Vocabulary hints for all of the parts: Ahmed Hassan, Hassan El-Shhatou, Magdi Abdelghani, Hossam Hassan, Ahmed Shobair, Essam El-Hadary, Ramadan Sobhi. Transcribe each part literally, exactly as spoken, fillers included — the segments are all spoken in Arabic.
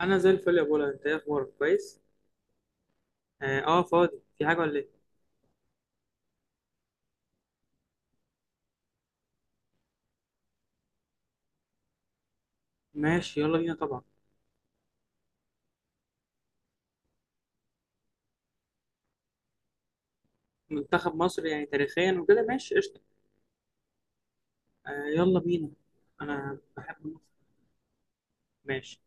انا زي الفل يا بولا، انت ايه اخبارك كويس؟ اه آه، فاضي، في حاجه ولا ايه؟ ماشي، يلا بينا طبعا. منتخب مصر يعني تاريخيا وكده، ماشي قشطه. آه يلا بينا. انا بحب مصر. ماشي.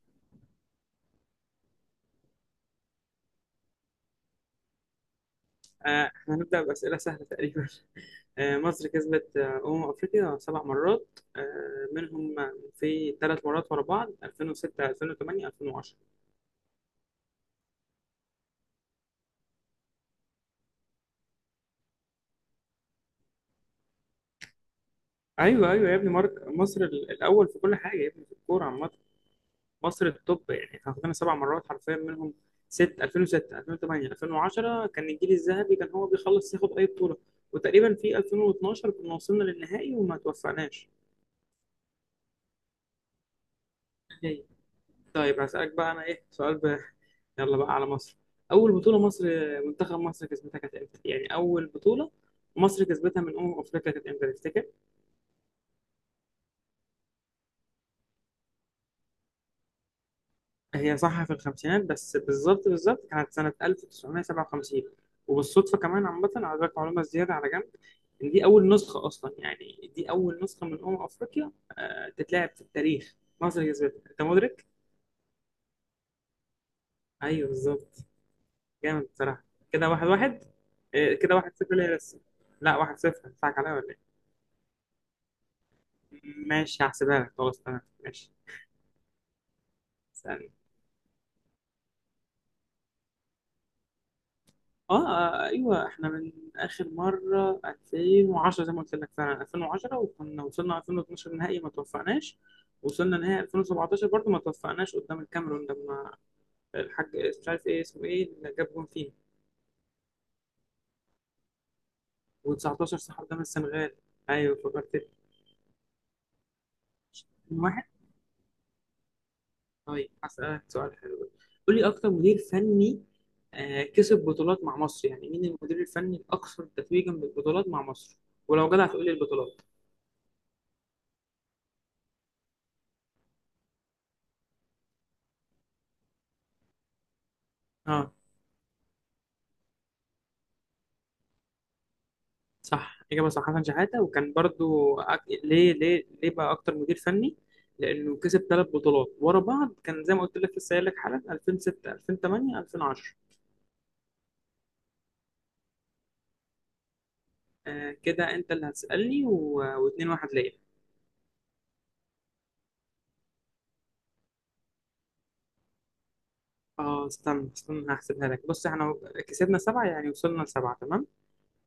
آه احنا هنبدا باسئله سهله تقريبا. آه مصر كسبت آه، امم افريقيا سبع مرات، آه منهم في ثلاث مرات ورا بعض: ألفين وستة، ألفين وتمانية، ألفين وعشرة. ايوه ايوه يا ابني مارك، مصر ال- الاول في كل حاجه يا ابني، في الكوره عامه. مصر التوب يعني، احنا خدنا سبع مرات حرفيا، منهم ست: ألفين وستة، ألفين وتمانية، ألفين وعشرة، كان الجيل الذهبي كان هو بيخلص ياخد اي بطوله. وتقريبا في ألفين واتناشر كنا وصلنا للنهائي وما توفقناش. هي. طيب هسألك بقى انا، ايه سؤال ب... يلا بقى على مصر. اول بطوله مصر، منتخب مصر كسبتها كانت امتى؟ يعني اول بطوله مصر كسبتها من امم افريقيا كانت امتى تفتكر؟ هي صح، في الخمسينات، بس بالظبط بالظبط كانت سنة ألف وتسعمائة وسبعة وخمسين. وبالصدفة كمان عامة، على ذلك معلومة زيادة على جنب، إن دي أول نسخة أصلا، يعني دي أول نسخة من أمم أفريقيا آه، تتلعب في التاريخ، مصر كسبتها. أنت مدرك؟ أيوه بالظبط. جامد بصراحة. كده واحد واحد. آه، كده واحد صفر ليه لسه؟ لا، واحد صفر؟ هتضحك عليا ولا إيه؟ ماشي، هحسبها لك، خلاص، تمام، ماشي. اه آه، ايوه، احنا من اخر مره ألفين وعشرة، زي ما قلت لك فعلا ألفين وعشرة، وكنا وصلنا ألفين واثنا عشر نهائي ما توفقناش. وصلنا نهائي ألفين وسبعتاشر برضو ما توفقناش قدام الكاميرون، لما الحاج، مش عارف ايه اسمه، ايه اللي جاب جون فينا. و19 صح، قدام السنغال. ايوه فكرت. من واحد. طيب هسألك سؤال حلو. قول لي اكتر مدير فني آه، كسب بطولات مع مصر، يعني مين المدير الفني الاكثر تتويجا بالبطولات مع مصر؟ ولو جدع تقول لي البطولات. اه. صح، إجابة صح، حسن شحاتة. وكان برضو أك... ليه ليه ليه بقى أكتر مدير فني؟ لأنه كسب ثلاث بطولات ورا بعض، كان زي ما قلت لك لسه قايل لك حالا: ألفين وستة، ألفين وتمانية، ألفين وعشرة. آه كده أنت اللي هتسألني و... واتنين واحد ليا. اه، استنى استنى، هحسبها لك. بص، احنا كسبنا سبعة، يعني وصلنا لسبعة تمام.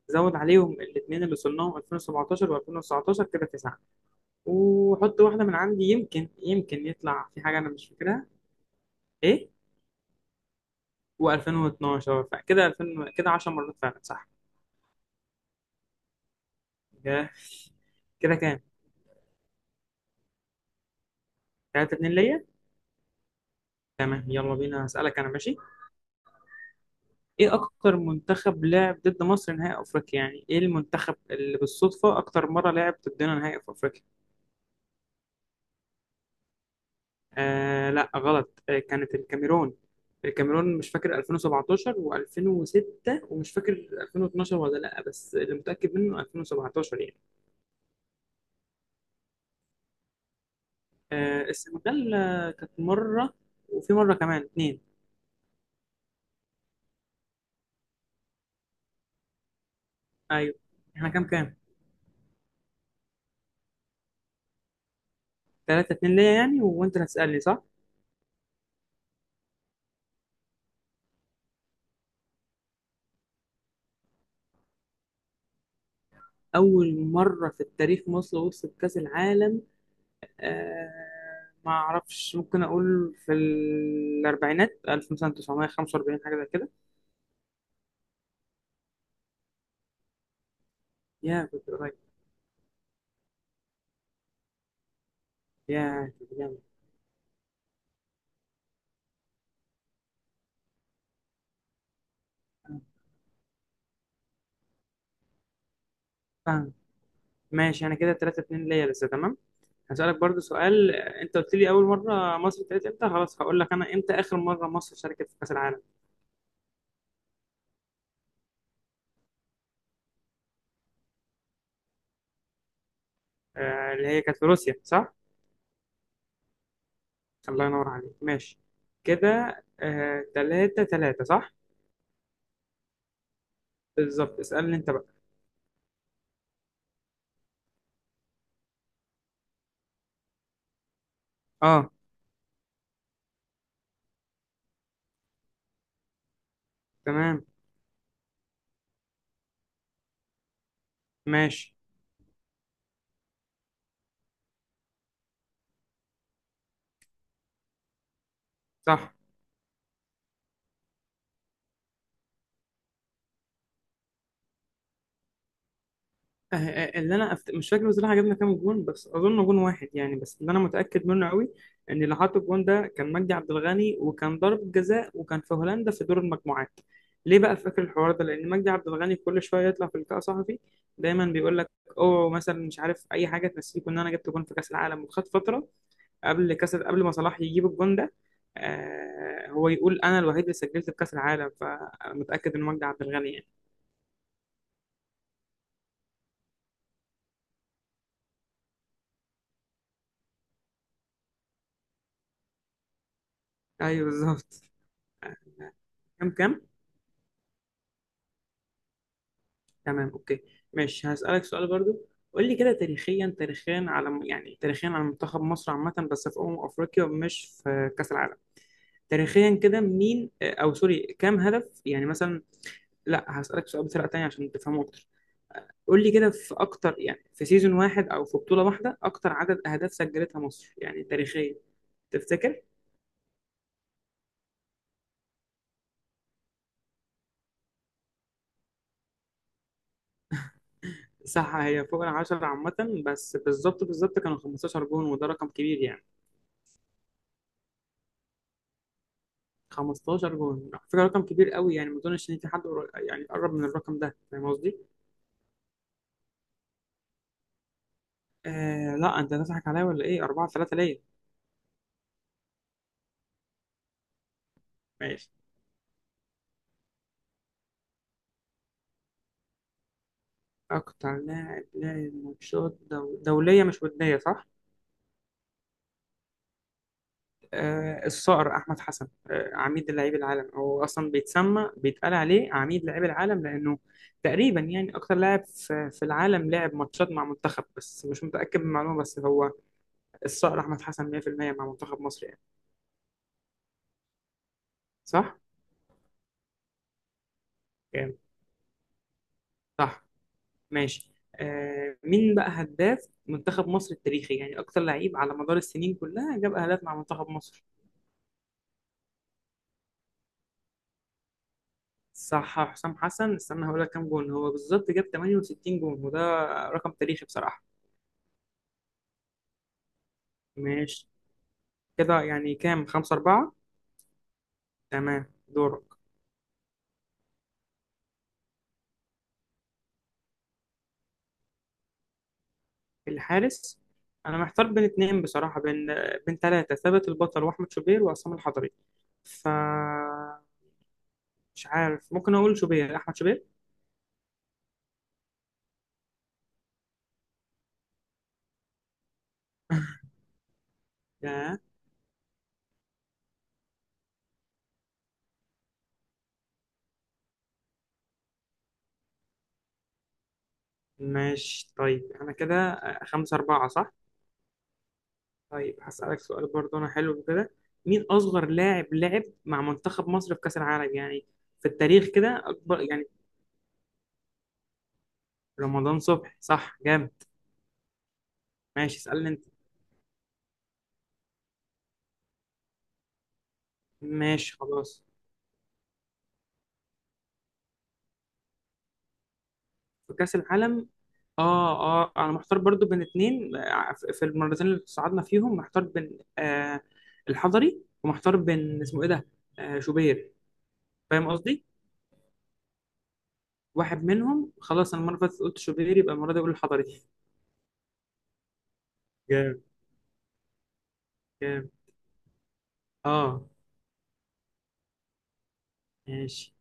زود عليهم الاثنين اللي وصلناهم ألفين وسبعتاشر و2019، كده تسعة. وحط واحدة من عندي، يمكن يمكن يطلع في حاجة أنا مش فاكرها. ايه. و2012، فكده ألفين، كده عشرة مرات فعلا، صح. كده. كده كام؟ تلاتة اتنين ليا. تمام، يلا بينا، هسألك انا، ماشي. ايه اكتر منتخب لعب ضد مصر نهائي افريقيا؟ يعني ايه المنتخب اللي بالصدفة اكتر مرة لعب ضدنا نهائي في افريقيا؟ آه لا غلط، آه كانت الكاميرون. الكاميرون مش فاكر ألفين وسبعتاشر و2006، ومش فاكر ألفين واتناشر ولا لا، بس اللي متأكد منه ألفين وسبعتاشر يعني. آه السنغال آه، كانت مرة، وفي مرة كمان اتنين. ايوه. احنا كام كام؟ تلاتة اتنين ليا، يعني وانت اللي هتسالني، صح. اول مره في التاريخ مصر وصلت كاس العالم. آه. ما اعرفش، ممكن اقول في الاربعينات ألف وتسعمائة وخمسة وأربعين، حاجه زي كده. يا كنت قريب. يا كنت جامد. آه. فاهم. ماشي، انا كده تلاتة اتنين ليا لسه، تمام. هسالك برضو سؤال، آه، انت قلت لي اول مره مصر ابتدت امتى، خلاص هقول لك انا امتى اخر مره مصر شاركت في كاس العالم. آه اللي هي كانت في روسيا، صح. الله ينور عليك، ماشي. كده آه تلاتة تلاتة صح. بالظبط، اسألني انت بقى. اه، تمام، ماشي، صح. آه آه اللي انا أفت... مش فاكر بصراحة جبنا كام جون، بس اظن جون واحد يعني، بس اللي انا متأكد منه قوي ان اللي حط الجون ده كان مجدي عبد الغني، وكان ضرب جزاء، وكان في هولندا في دور المجموعات. ليه بقى فاكر الحوار ده؟ لان مجدي عبد الغني كل شوية يطلع في لقاء صحفي، دايما بيقول لك: اوه مثلا، مش عارف اي حاجة، تنسيكم ان انا جبت جون في كأس العالم. وخد فترة، قبل كاس، قبل ما صلاح يجيب الجون ده. آه هو يقول انا الوحيد اللي سجلت في كاس العالم، فمتاكد ان مجدي عبد الغني يعني. ايوه بالظبط. آه، كام كام؟ تمام، اوكي، ماشي، هسالك سؤال برضو. قول لي كده تاريخيا، تاريخيا على يعني تاريخيا على منتخب مصر عامه، بس في امم افريقيا، مش في كاس العالم. تاريخيا كده مين آه، او سوري، كام هدف يعني مثلا؟ لا، هسالك سؤال بطريقه تانيه عشان تفهمه اكتر. قول لي كده، في اكتر يعني في سيزون واحد او في بطولة واحدة اكتر عدد اهداف سجلتها مصر يعني تاريخيا، تفتكر؟ صح، هي فوق العشرة عامة، بس بالظبط بالظبط كانوا خمستاشر جون، وده رقم كبير يعني. خمستاشر جون على فكرة رقم كبير قوي يعني، ما اظنش ان في حد قر- يعني قرب من الرقم ده، فاهم قصدي؟ آه لا، انت هتضحك عليا ولا ايه؟ اربعة تلاتة ليا. ماشي. اكتر لاعب لاعب ماتشات دو... دولية مش ودية، صح؟ آه، الصقر احمد حسن، آه، عميد لعيب العالم، هو اصلا بيتسمى بيتقال عليه عميد لعيب العالم، لانه تقريبا يعني اكتر لاعب في في العالم لعب ماتشات مع منتخب، بس مش متاكد من المعلومه، بس هو الصقر احمد حسن مية في المية مع منتخب مصر يعني. صح؟ جامد. صح. ماشي، آه، مين بقى هداف منتخب مصر التاريخي؟ يعني اكتر لعيب على مدار السنين كلها جاب اهداف مع منتخب مصر. صح، حسام حسن. استنى هقول لك كام جون، هو بالظبط جاب تمانية وستين جون، وده رقم تاريخي بصراحه. ماشي. كده يعني كام؟ خمسة أربعة. تمام، دورك. الحارس. أنا محتار بين اتنين بصراحة، بين بين تلاتة: ثابت البطل، وأحمد شوبير، وعصام الحضري. ف مش عارف، ممكن أقول شوبير، أحمد شوبير. لا. ماشي، طيب أنا كده آه، خمسة أربعة صح. طيب هسألك سؤال برضه، أنا حلو كده. مين أصغر لاعب لعب مع منتخب مصر في كأس العالم يعني، في التاريخ كده، أكبر يعني؟ رمضان صبحي، صح. جامد. ماشي، اسألني أنت. ماشي خلاص. في كأس العالم. اه اه، انا محتار برضو بين اتنين، آه، في في المرتين اللي صعدنا فيهم، محتار بين آه الحضري، ومحتار بين اسمه ايه ده. آه شوبير. فاهم قصدي. واحد منهم، خلاص انا المره اللي فاتت قلت شوبير، يبقى المره دي اقول الحضري. جامد. جامد. اه. ماشي.